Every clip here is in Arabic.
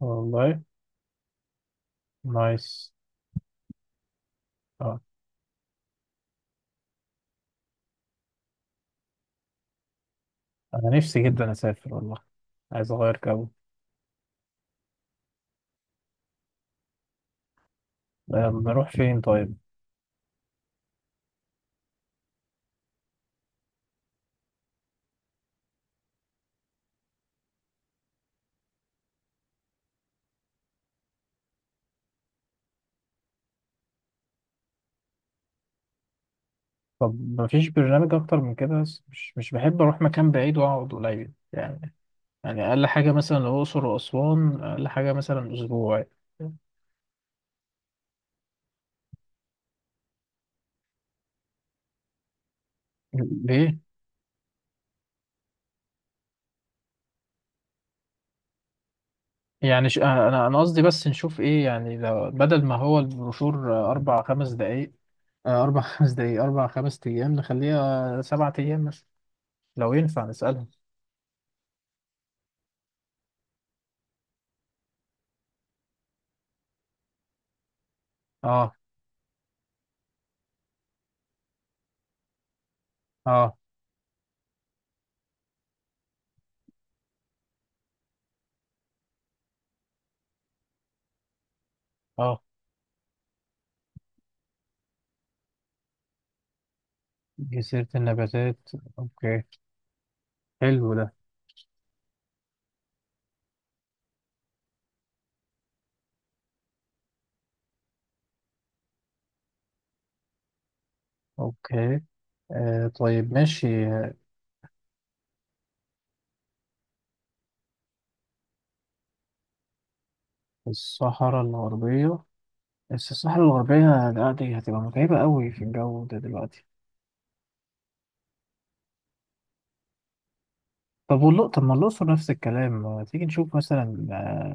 والله. نايس. اه انا نفسي جدا اسافر والله. عايز اغير جو. نروح فين طيب؟ طب مفيش برنامج اكتر من كده، بس مش بحب اروح مكان بعيد واقعد قليل يعني. يعني اقل حاجه مثلا الاقصر واسوان، اقل حاجه مثلا اسبوع. ليه؟ يعني انا قصدي بس نشوف ايه يعني، لو بدل ما هو البروشور، اربع خمس دقايق. اربع خمس دقايق، اربع خمس ايام، نخليها 7 ايام مثلا. لو ينفع نسالهم. اه، اه، اه، جزيرة النباتات. أوكي. حلو ده. أوكي. آه. طيب، ماشي. الصحراء الغربية. بس الصحراء الغربية، لا، دي هتبقى متعبة قوي في الجو ده دلوقتي. طب والله، طب ما الأقصر نفس الكلام، ما تيجي نشوف مثلا؟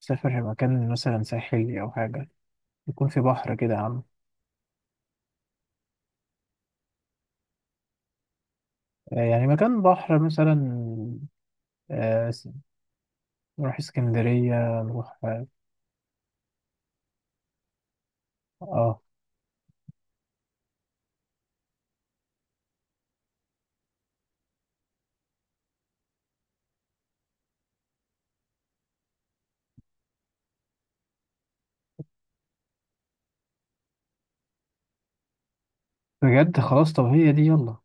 سافر مكان مثلا ساحلي أو حاجة، يكون في بحر كده يا عم. آه، يعني مكان بحر مثلا. آه س- نروح اسكندرية، نروح. آه، بجد، خلاص، طب هي دي، يلا.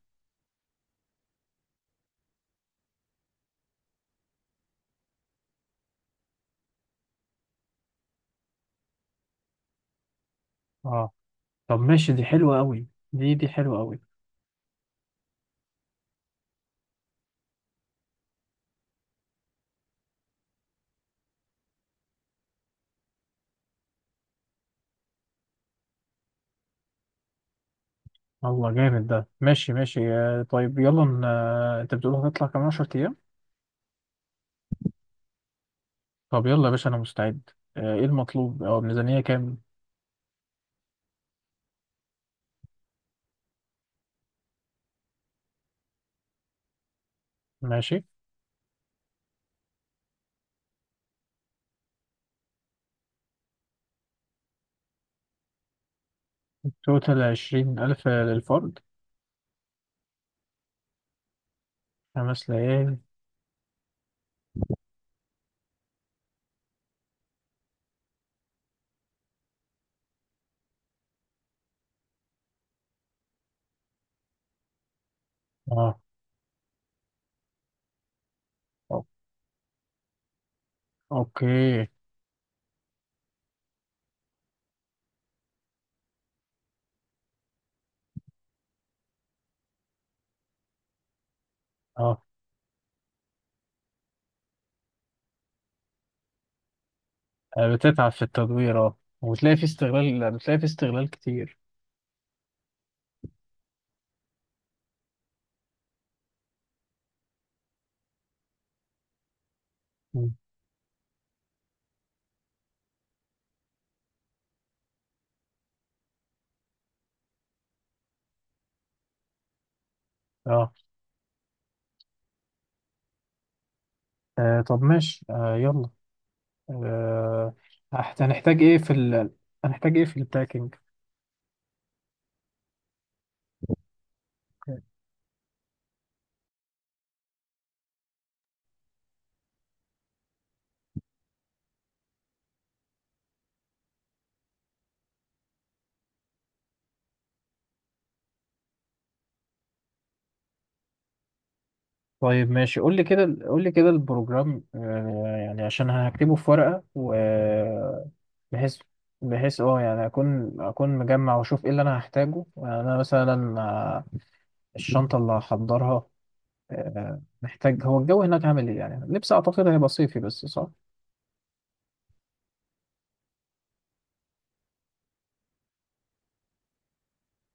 اه، طب، ماشي، دي حلوة قوي. دي حلوة قوي. الله، جامد ده، ماشي، ماشي. طيب، يلا انت بتقول هتطلع كمان 10 ايام؟ طب يلا يا باشا، انا مستعد. ايه المطلوب او الميزانية كام؟ ماشي. توتال 20000 للفرد؟ 5 ليالي. اه. أو- اوكي. اه. بتتعب في التدوير، اه، وبتلاقي في استغلال بتلاقي في استغلال كتير. مم. اه. طب ماشي. يلا. آه، هحت- هنحتاج ايه في ال... هنحتاج ايه في الباكينج؟ طيب، ماشي، قول لي كده البروجرام، يعني عشان هكتبه في ورقة. و بحيث بحيث يعني اكون مجمع، واشوف ايه اللي انا هحتاجه يعني. انا مثلا الشنطة اللي هحضرها. محتاج، هو الجو هناك عامل ايه يعني؟ لبس، اعتقد هيبقى صيفي بس، صح؟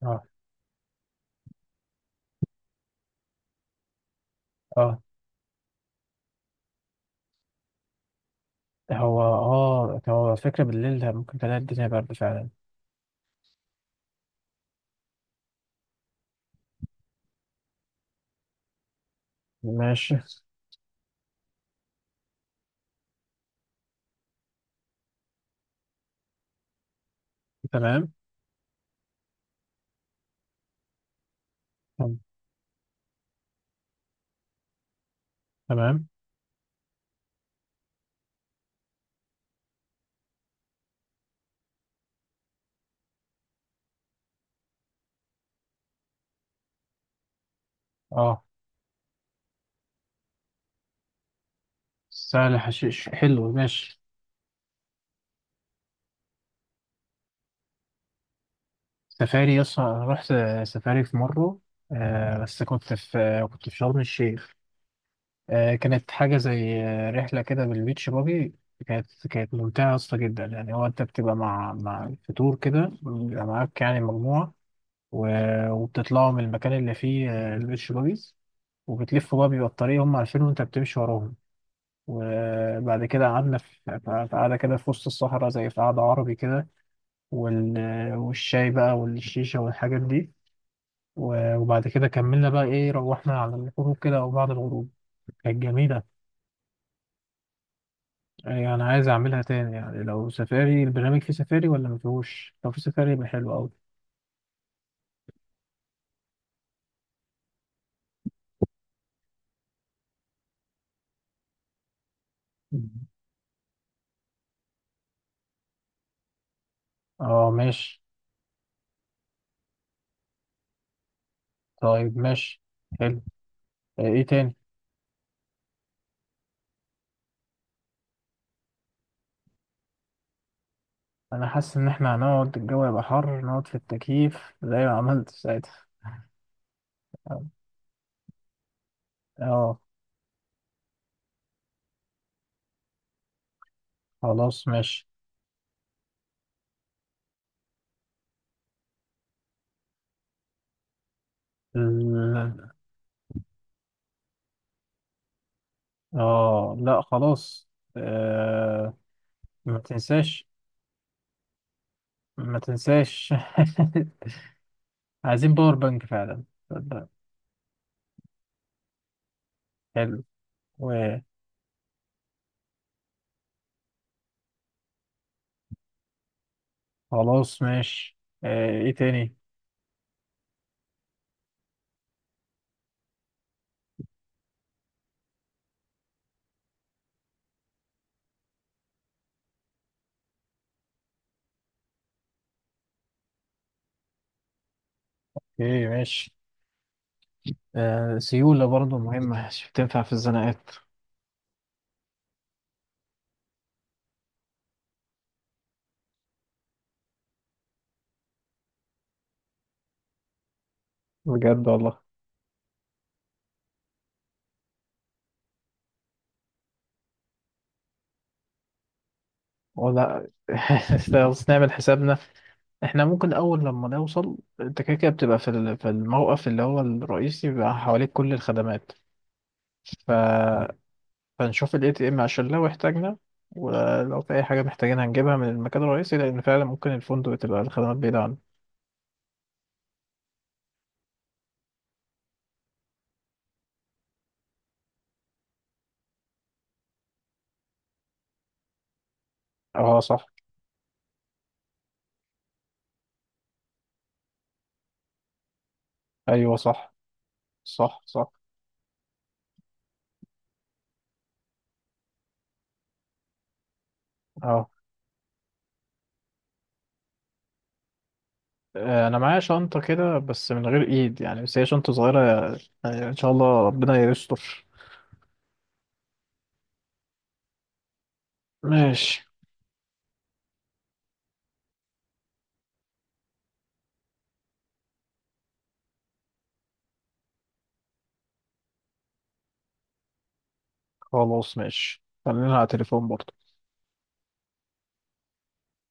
اه، اه. هو فكرة بالليل ده ممكن تلاقي الدنيا برد فعلا. ماشي. تمام، تمام. اه. سهل حشيش حلو، ماشي. سفاري، يس، أنا رحت سفاري في مرة. بس كنت في شرم الشيخ. كانت حاجة زي رحلة كده، بالبيتش باجي. كانت ممتعة يا اسطى جدا يعني. هو أنت بتبقى مع في تور كده، بيبقى معاك يعني مجموعة. وبتطلعوا من المكان اللي فيه البيتش باجيز. وبتلفوا بقى، بيبقى الطريق هم عارفينه وأنت بتمشي وراهم. وبعد كده قعدنا في قعدة كده في وسط الصحراء، زي في قعدة عربي كده. والشاي بقى والشيشة والحاجات دي. وبعد كده كملنا بقى ايه، روحنا على الغروب كده او بعد الغروب. كانت جميله. يعني انا عايز اعملها تاني يعني، لو سفاري. البرنامج فيه سفاري ولا ما فيهوش؟ لو فيه سفاري يبقى حلو قوي. اه، ماشي. طيب، ماشي. حلو. ايه تاني؟ انا حاسس ان احنا هنقعد الجو يبقى حر، نقعد في التكييف زي ما عملت ساعتها. اه، خلاص، ماشي. ال- اه، لا، خلاص. آه ما تنساش، ما تنساش. عايزين باور بانك فعلا، تصدق. حلو. وخلاص، ماشي. ايه تاني؟ ايه، ماشي. سيولة برضه مهمة، شوف تنفع في الزناقات. بجد والله. ولا بس نعمل حسابنا. احنا ممكن اول لما نوصل، انت كده كده بتبقى في في الموقف اللي هو الرئيسي، بيبقى حواليك كل الخدمات. ف... فنشوف الاي تي ام عشان لو احتاجنا، ولو في اي حاجة محتاجين هنجيبها من المكان الرئيسي، لان فعلا ممكن الفندق تبقى الخدمات بعيدة عنه. اه، صح. ايوه، صح، صح، صح. اه، انا معايا شنطه كده، بس من غير ايد يعني، بس هي شنطه صغيره. يعني ان شاء الله ربنا يستر. ماشي. خلاص، ماشي. خلينا على التليفون برضه.